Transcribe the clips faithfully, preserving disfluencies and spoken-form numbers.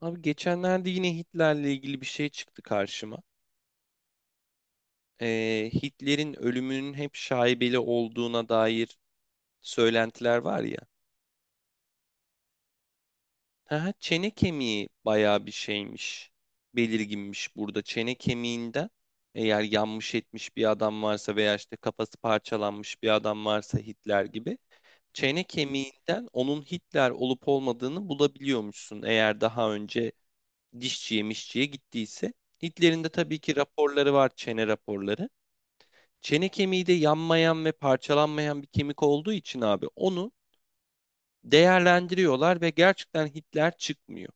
Abi geçenlerde yine Hitler'le ilgili bir şey çıktı karşıma. Ee, Hitler'in ölümünün hep şaibeli olduğuna dair söylentiler var ya. Ha, çene kemiği bayağı bir şeymiş, belirginmiş burada. Çene kemiğinden eğer yanmış etmiş bir adam varsa veya işte kafası parçalanmış bir adam varsa Hitler gibi çene kemiğinden onun Hitler olup olmadığını bulabiliyormuşsun eğer daha önce dişçiye mişçiye gittiyse. Hitler'in de tabii ki raporları var, çene raporları. Çene kemiği de yanmayan ve parçalanmayan bir kemik olduğu için abi onu değerlendiriyorlar ve gerçekten Hitler çıkmıyor.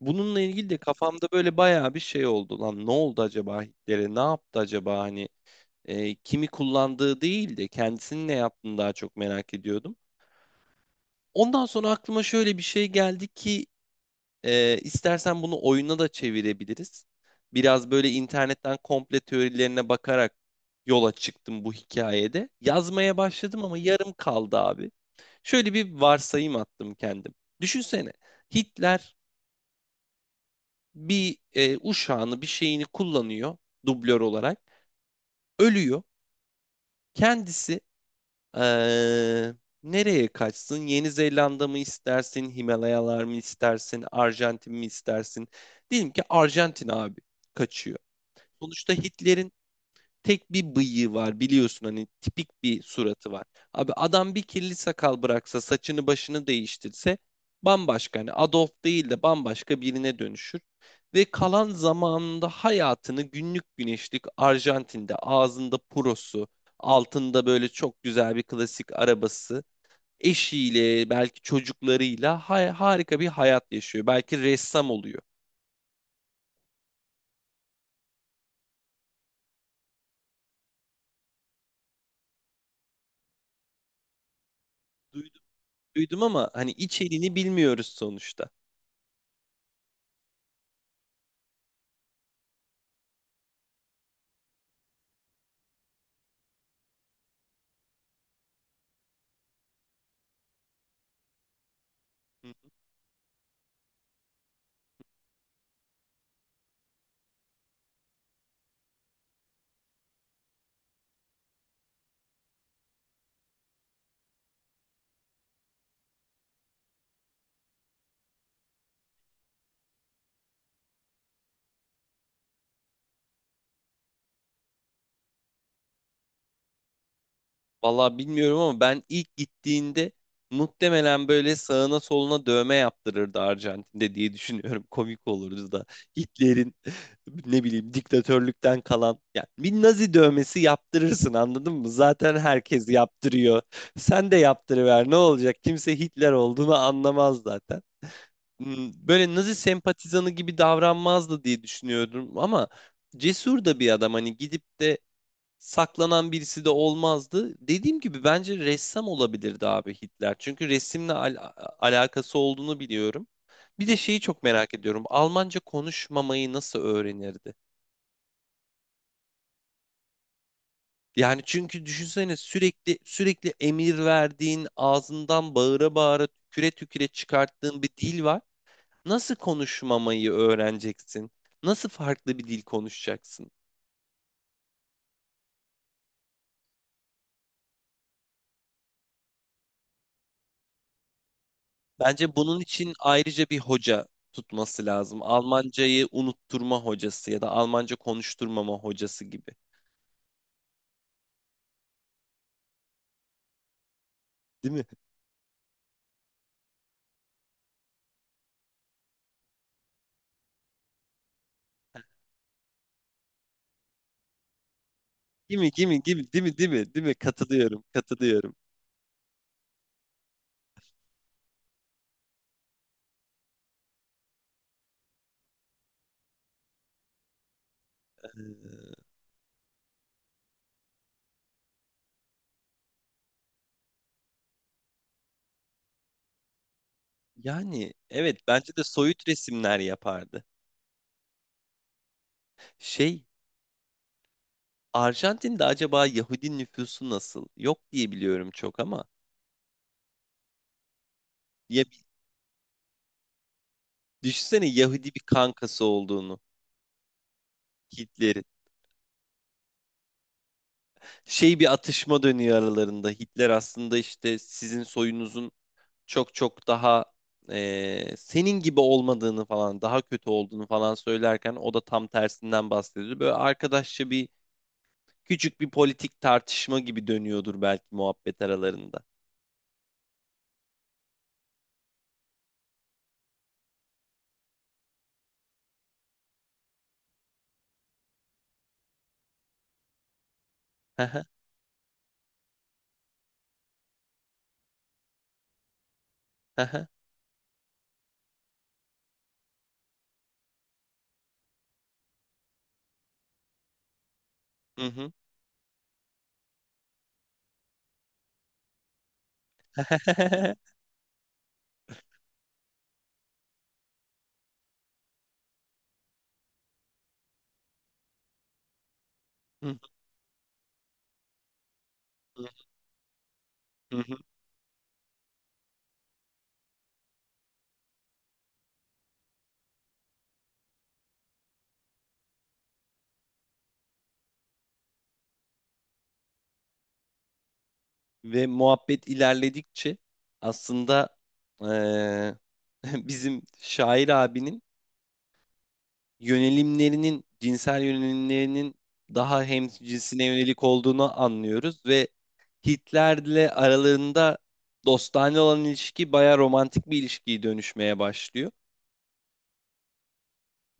Bununla ilgili de kafamda böyle bayağı bir şey oldu. Lan ne oldu acaba Hitler'e? Ne yaptı acaba hani e, kimi kullandığı değil de kendisinin ne yaptığını daha çok merak ediyordum. Ondan sonra aklıma şöyle bir şey geldi ki Ee, istersen bunu oyuna da çevirebiliriz. Biraz böyle internetten komple teorilerine bakarak yola çıktım bu hikayede. Yazmaya başladım ama yarım kaldı abi. Şöyle bir varsayım attım kendim. Düşünsene, Hitler bir e, uşağını, bir şeyini kullanıyor dublör olarak. Ölüyor. Kendisi eee, nereye kaçsın? Yeni Zelanda mı istersin? Himalayalar mı istersin? Arjantin mi istersin? Diyelim ki Arjantin abi, kaçıyor. Sonuçta Hitler'in tek bir bıyığı var, biliyorsun hani tipik bir suratı var. Abi adam bir kirli sakal bıraksa, saçını başını değiştirse, bambaşka hani Adolf değil de bambaşka birine dönüşür. Ve kalan zamanında hayatını günlük güneşlik Arjantin'de, ağzında purosu, altında böyle çok güzel bir klasik arabası, eşiyle belki çocuklarıyla ha- harika bir hayat yaşıyor. Belki ressam oluyor. Duydum, duydum ama hani içeriğini bilmiyoruz sonuçta. Hı. Vallahi bilmiyorum ama ben ilk gittiğinde muhtemelen böyle sağına soluna dövme yaptırırdı Arjantin'de diye düşünüyorum. Komik olurdu da Hitler'in ne bileyim, diktatörlükten kalan yani bir Nazi dövmesi yaptırırsın, anladın mı? Zaten herkes yaptırıyor. Sen de yaptırıver, ne olacak? Kimse Hitler olduğunu anlamaz zaten. Hmm, Böyle Nazi sempatizanı gibi davranmazdı diye düşünüyordum ama cesur da bir adam, hani gidip de saklanan birisi de olmazdı. Dediğim gibi bence ressam olabilirdi abi Hitler. Çünkü resimle al- alakası olduğunu biliyorum. Bir de şeyi çok merak ediyorum. Almanca konuşmamayı nasıl öğrenirdi? Yani çünkü düşünsene, sürekli sürekli emir verdiğin, ağzından bağıra bağıra, tüküre tüküre çıkarttığın bir dil var. Nasıl konuşmamayı öğreneceksin? Nasıl farklı bir dil konuşacaksın? Bence bunun için ayrıca bir hoca tutması lazım. Almancayı unutturma hocası ya da Almanca konuşturmama hocası gibi. Değil mi? Değil mi? Değil mi? Değil mi? Değil mi? Değil mi? Değil mi? Katılıyorum. Katılıyorum. Ee, yani evet, bence de soyut resimler yapardı. Şey, Arjantin'de acaba Yahudi nüfusu nasıl? Yok diye biliyorum çok ama. Ya, düşünsene Yahudi bir kankası olduğunu. Hitler'in. Şey, bir atışma dönüyor aralarında. Hitler aslında işte sizin soyunuzun çok çok daha e, senin gibi olmadığını falan, daha kötü olduğunu falan söylerken, o da tam tersinden bahsediyor. Böyle arkadaşça bir, küçük bir politik tartışma gibi dönüyordur belki muhabbet aralarında. Hı hı. Hı hı. Hı. Ve muhabbet ilerledikçe aslında eee, bizim şair abinin yönelimlerinin, cinsel yönelimlerinin daha hem cinsine yönelik olduğunu anlıyoruz ve Hitler'le aralarında dostane olan ilişki bayağı romantik bir ilişkiye dönüşmeye başlıyor.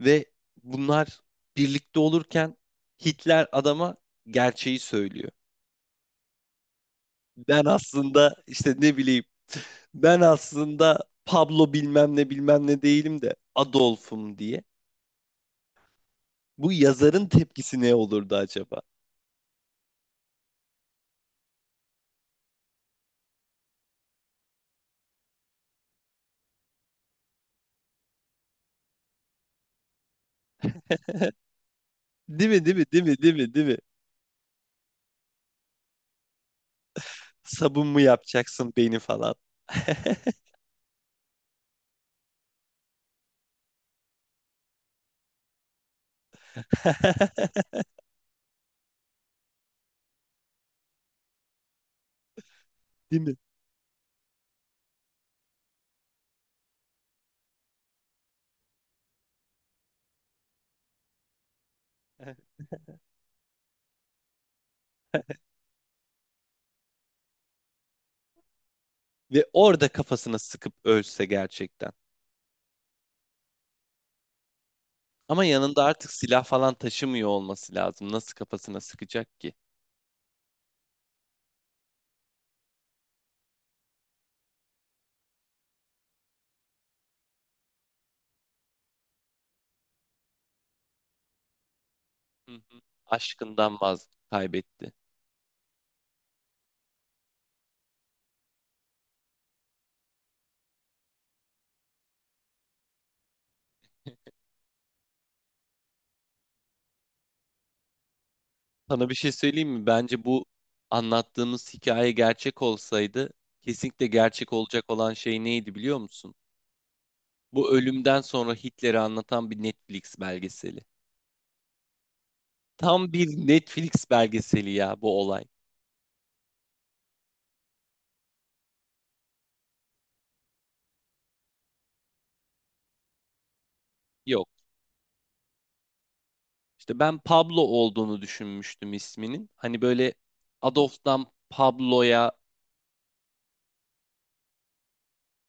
Ve bunlar birlikte olurken Hitler adama gerçeği söylüyor. Ben aslında işte ne bileyim, ben aslında Pablo bilmem ne bilmem ne değilim de Adolf'um diye. Bu yazarın tepkisi ne olurdu acaba? Değil mi, değil mi, değil mi, değil mi, değil mi? Sabun mu yapacaksın beni falan? Değil mi? Ve orada kafasına sıkıp ölse gerçekten. Ama yanında artık silah falan taşımıyor olması lazım. Nasıl kafasına sıkacak ki? Hı hı. Aşkından vaz kaybetti. Sana bir şey söyleyeyim mi? Bence bu anlattığımız hikaye gerçek olsaydı, kesinlikle gerçek olacak olan şey neydi, biliyor musun? Bu ölümden sonra Hitler'i anlatan bir Netflix belgeseli. Tam bir Netflix belgeseli ya bu olay. Yok. İşte ben Pablo olduğunu düşünmüştüm isminin. Hani böyle Adolf'dan Pablo'ya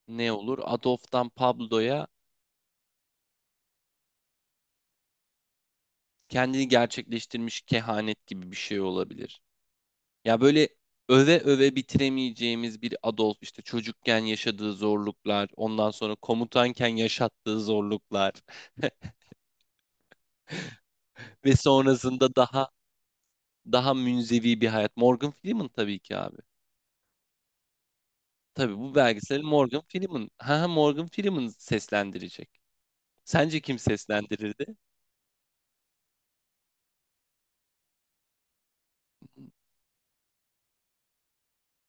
ne olur? Adolf'dan Pablo'ya, kendini gerçekleştirmiş kehanet gibi bir şey olabilir. Ya böyle öve öve bitiremeyeceğimiz bir Adolf, işte çocukken yaşadığı zorluklar, ondan sonra komutanken yaşattığı zorluklar ve sonrasında daha, daha münzevi bir hayat. Morgan Freeman tabii ki abi. Tabii bu belgeseli Morgan Freeman, ha ha, Morgan Freeman seslendirecek. Sence kim seslendirirdi?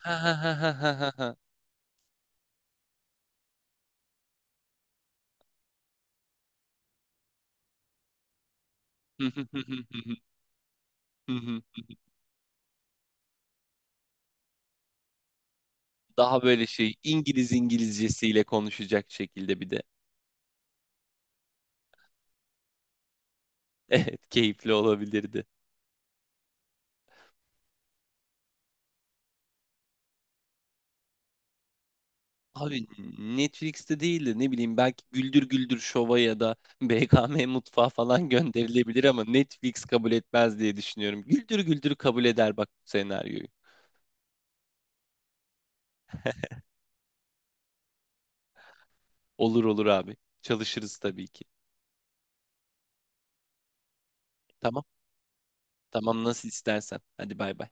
Ha ha ha ha ha ha. Ha. Hı hı hı hı hı hı hı hı. Daha böyle şey, İngiliz İngilizcesiyle konuşacak şekilde bir de. Evet, keyifli olabilirdi. Abi, Netflix'te değil de ne bileyim, belki Güldür Güldür Şov'a ya da B K M Mutfağı falan gönderilebilir ama Netflix kabul etmez diye düşünüyorum. Güldür Güldür kabul eder bak bu senaryoyu. Olur olur abi. Çalışırız tabii ki. Tamam. Tamam, nasıl istersen. Hadi bay bay.